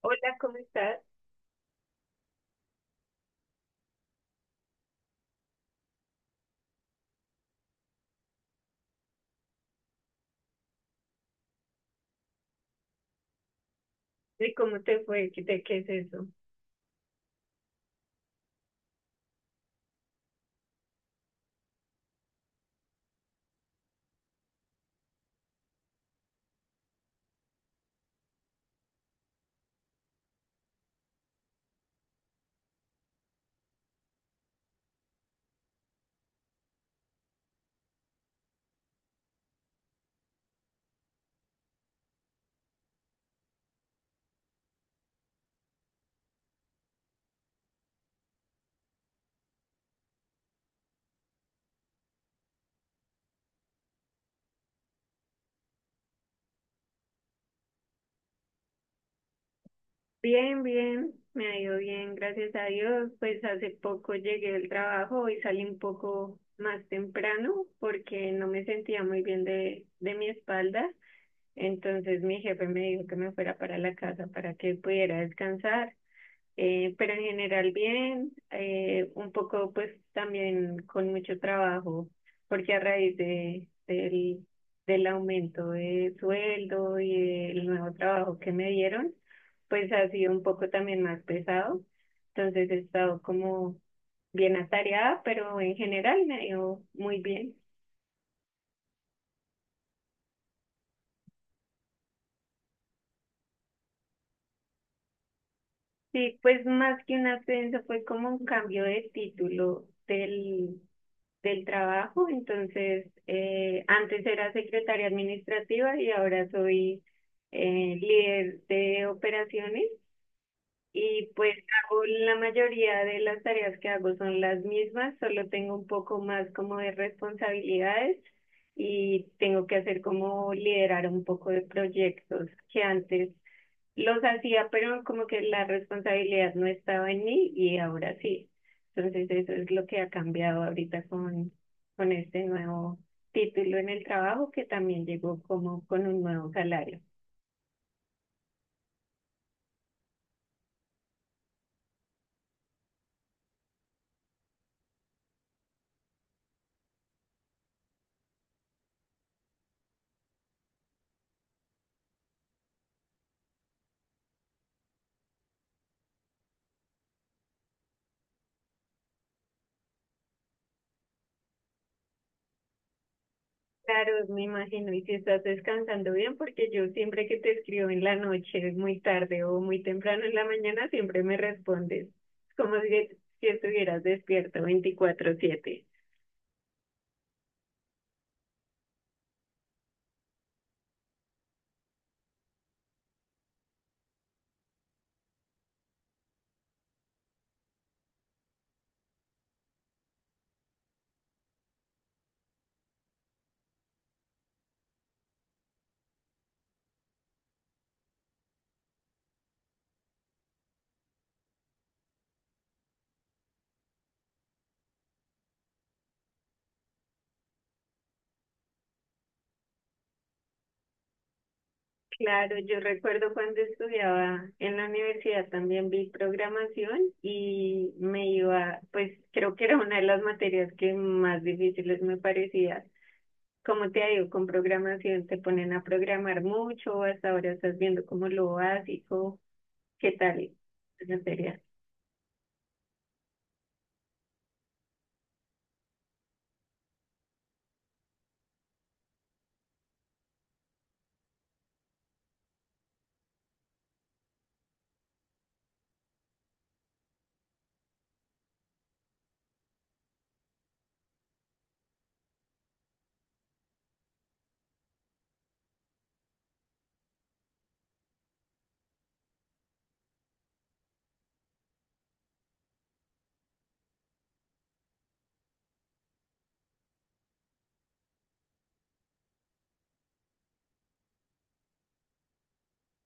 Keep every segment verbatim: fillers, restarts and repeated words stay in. Hola, ¿cómo estás? ¿Y cómo te fue? ¿Qué- ¿De qué es eso? Bien, bien, me ha ido bien, gracias a Dios. Pues hace poco llegué del trabajo y salí un poco más temprano porque no me sentía muy bien de, de mi espalda. Entonces mi jefe me dijo que me fuera para la casa para que pudiera descansar. Eh, pero en general bien, eh, un poco pues también con mucho trabajo, porque a raíz de, del, del aumento de sueldo y el nuevo trabajo que me dieron, pues ha sido un poco también más pesado. Entonces he estado como bien atareada, pero en general me ha ido muy bien. Sí, pues más que un ascenso fue como un cambio de título del, del trabajo, entonces eh, antes era secretaria administrativa y ahora soy eh, líder de operaciones y pues hago la mayoría de las tareas que hago son las mismas, solo tengo un poco más como de responsabilidades y tengo que hacer como liderar un poco de proyectos que antes los hacía, pero como que la responsabilidad no estaba en mí y ahora sí. Entonces eso es lo que ha cambiado ahorita con, con este nuevo título en el trabajo que también llegó como con un nuevo salario. Claro, me imagino, y si estás descansando bien, porque yo siempre que te escribo en la noche, muy tarde o muy temprano en la mañana, siempre me respondes. Es como si, si estuvieras despierto veinticuatro siete. Claro, yo recuerdo cuando estudiaba en la universidad también vi programación y me iba, pues creo que era una de las materias que más difíciles me parecía. Como te digo, con programación te ponen a programar mucho, hasta ahora estás viendo como lo básico, ¿qué tal esa materia?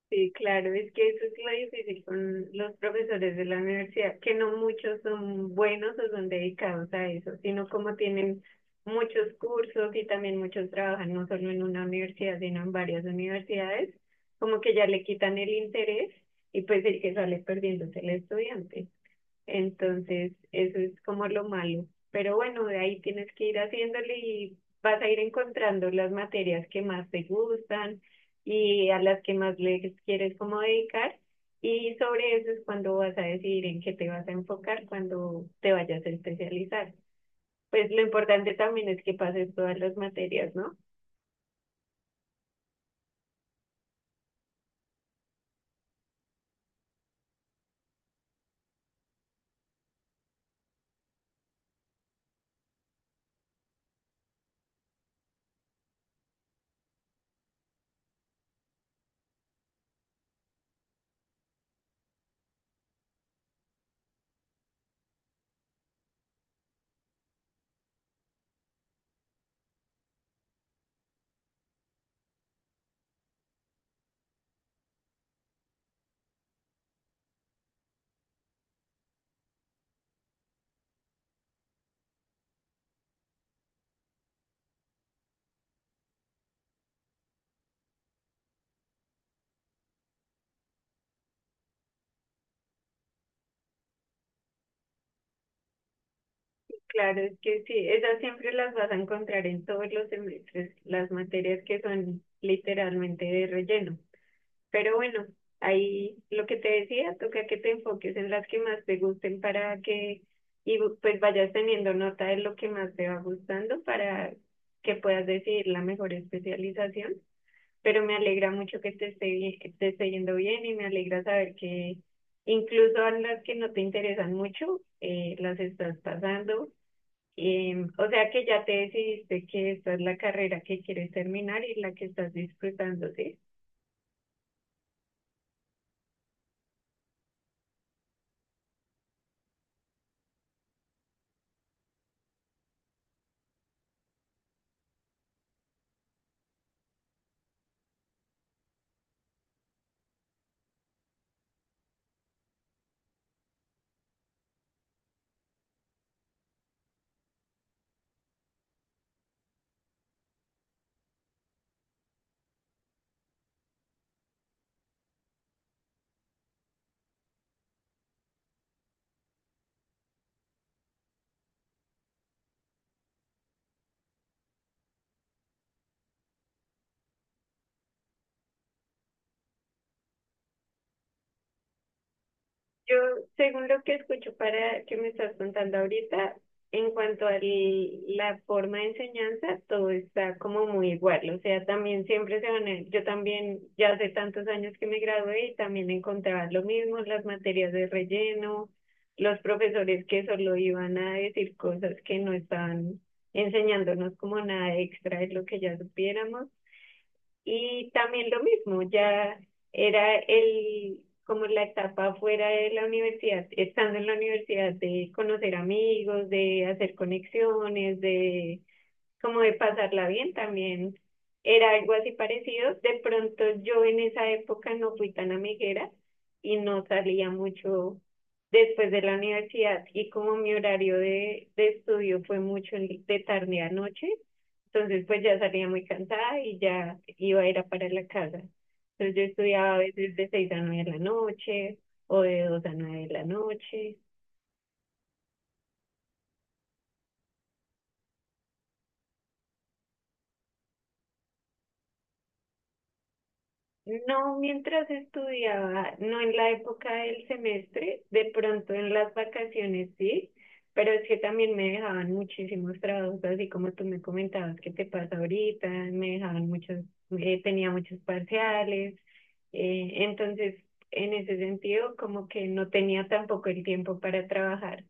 Sí, claro, es que eso es lo difícil con los profesores de la universidad, que no muchos son buenos o son dedicados a eso, sino como tienen muchos cursos y también muchos trabajan no solo en una universidad, sino en varias universidades, como que ya le quitan el interés y pues el que sale perdiendo es el estudiante. Entonces, eso es como lo malo. Pero bueno, de ahí tienes que ir haciéndole y vas a ir encontrando las materias que más te gustan y a las que más le quieres como dedicar. Y sobre eso es cuando vas a decidir en qué te vas a enfocar cuando te vayas a especializar. Pues lo importante también es que pases todas las materias, ¿no? Claro, es que sí, esas siempre las vas a encontrar en todos los semestres, las materias que son literalmente de relleno. Pero bueno, ahí lo que te decía, toca que te enfoques en las que más te gusten para que, y pues vayas teniendo nota de lo que más te va gustando para que puedas decidir la mejor especialización. Pero me alegra mucho que te esté, bien- que te esté yendo bien y me alegra saber que incluso a las que no te interesan mucho, eh, las estás pasando. Em, o sea que ya te decidiste que esta es la carrera que quieres terminar y la que estás disfrutando, ¿sí? Yo, según lo que escucho para que me estás contando ahorita, en cuanto a la forma de enseñanza, todo está como muy igual. O sea, también siempre se van a... Yo también, ya hace tantos años que me gradué y también encontraba lo mismo, las materias de relleno, los profesores que solo iban a decir cosas que no estaban enseñándonos como nada extra de lo que ya supiéramos. Y también lo mismo, ya era el, como la etapa fuera de la universidad, estando en la universidad, de conocer amigos, de hacer conexiones, de como de pasarla bien también era algo así parecido. De pronto yo en esa época no fui tan amiguera y no salía mucho después de la universidad y como mi horario de, de estudio fue mucho en- de tarde a noche, entonces pues ya salía muy cansada y ya iba a ir a parar la casa. Entonces yo estudiaba a veces de seis a nueve de la noche o de dos a nueve de la noche. No, mientras estudiaba, no en la época del semestre, de pronto en las vacaciones sí, pero es que también me dejaban muchísimos trabajos, así como tú me comentabas que te pasa ahorita, me dejaban muchos, eh, tenía muchos parciales, eh, entonces en ese sentido como que no tenía tampoco el tiempo para trabajar.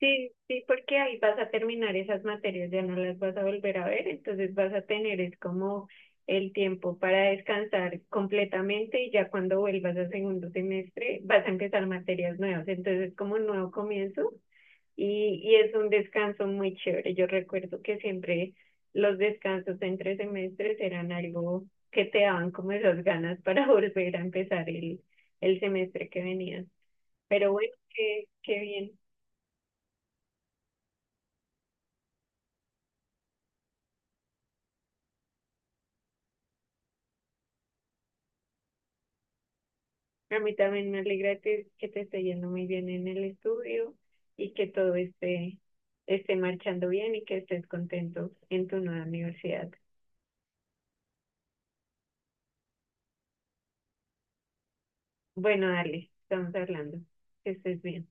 Sí, sí, porque ahí vas a terminar esas materias, ya no las vas a volver a ver, entonces vas a tener es como el tiempo para descansar completamente y ya cuando vuelvas al segundo semestre vas a empezar materias nuevas, entonces es como un nuevo comienzo y, y es un descanso muy chévere. Yo recuerdo que siempre los descansos entre semestres eran algo que te daban como esas ganas para volver a empezar el, el semestre que venía. Pero bueno, qué, qué bien. A mí también me alegra te- que te esté yendo muy bien en el estudio y que todo esté, esté marchando bien y que estés contento en tu nueva universidad. Bueno, dale, estamos hablando. Que estés bien.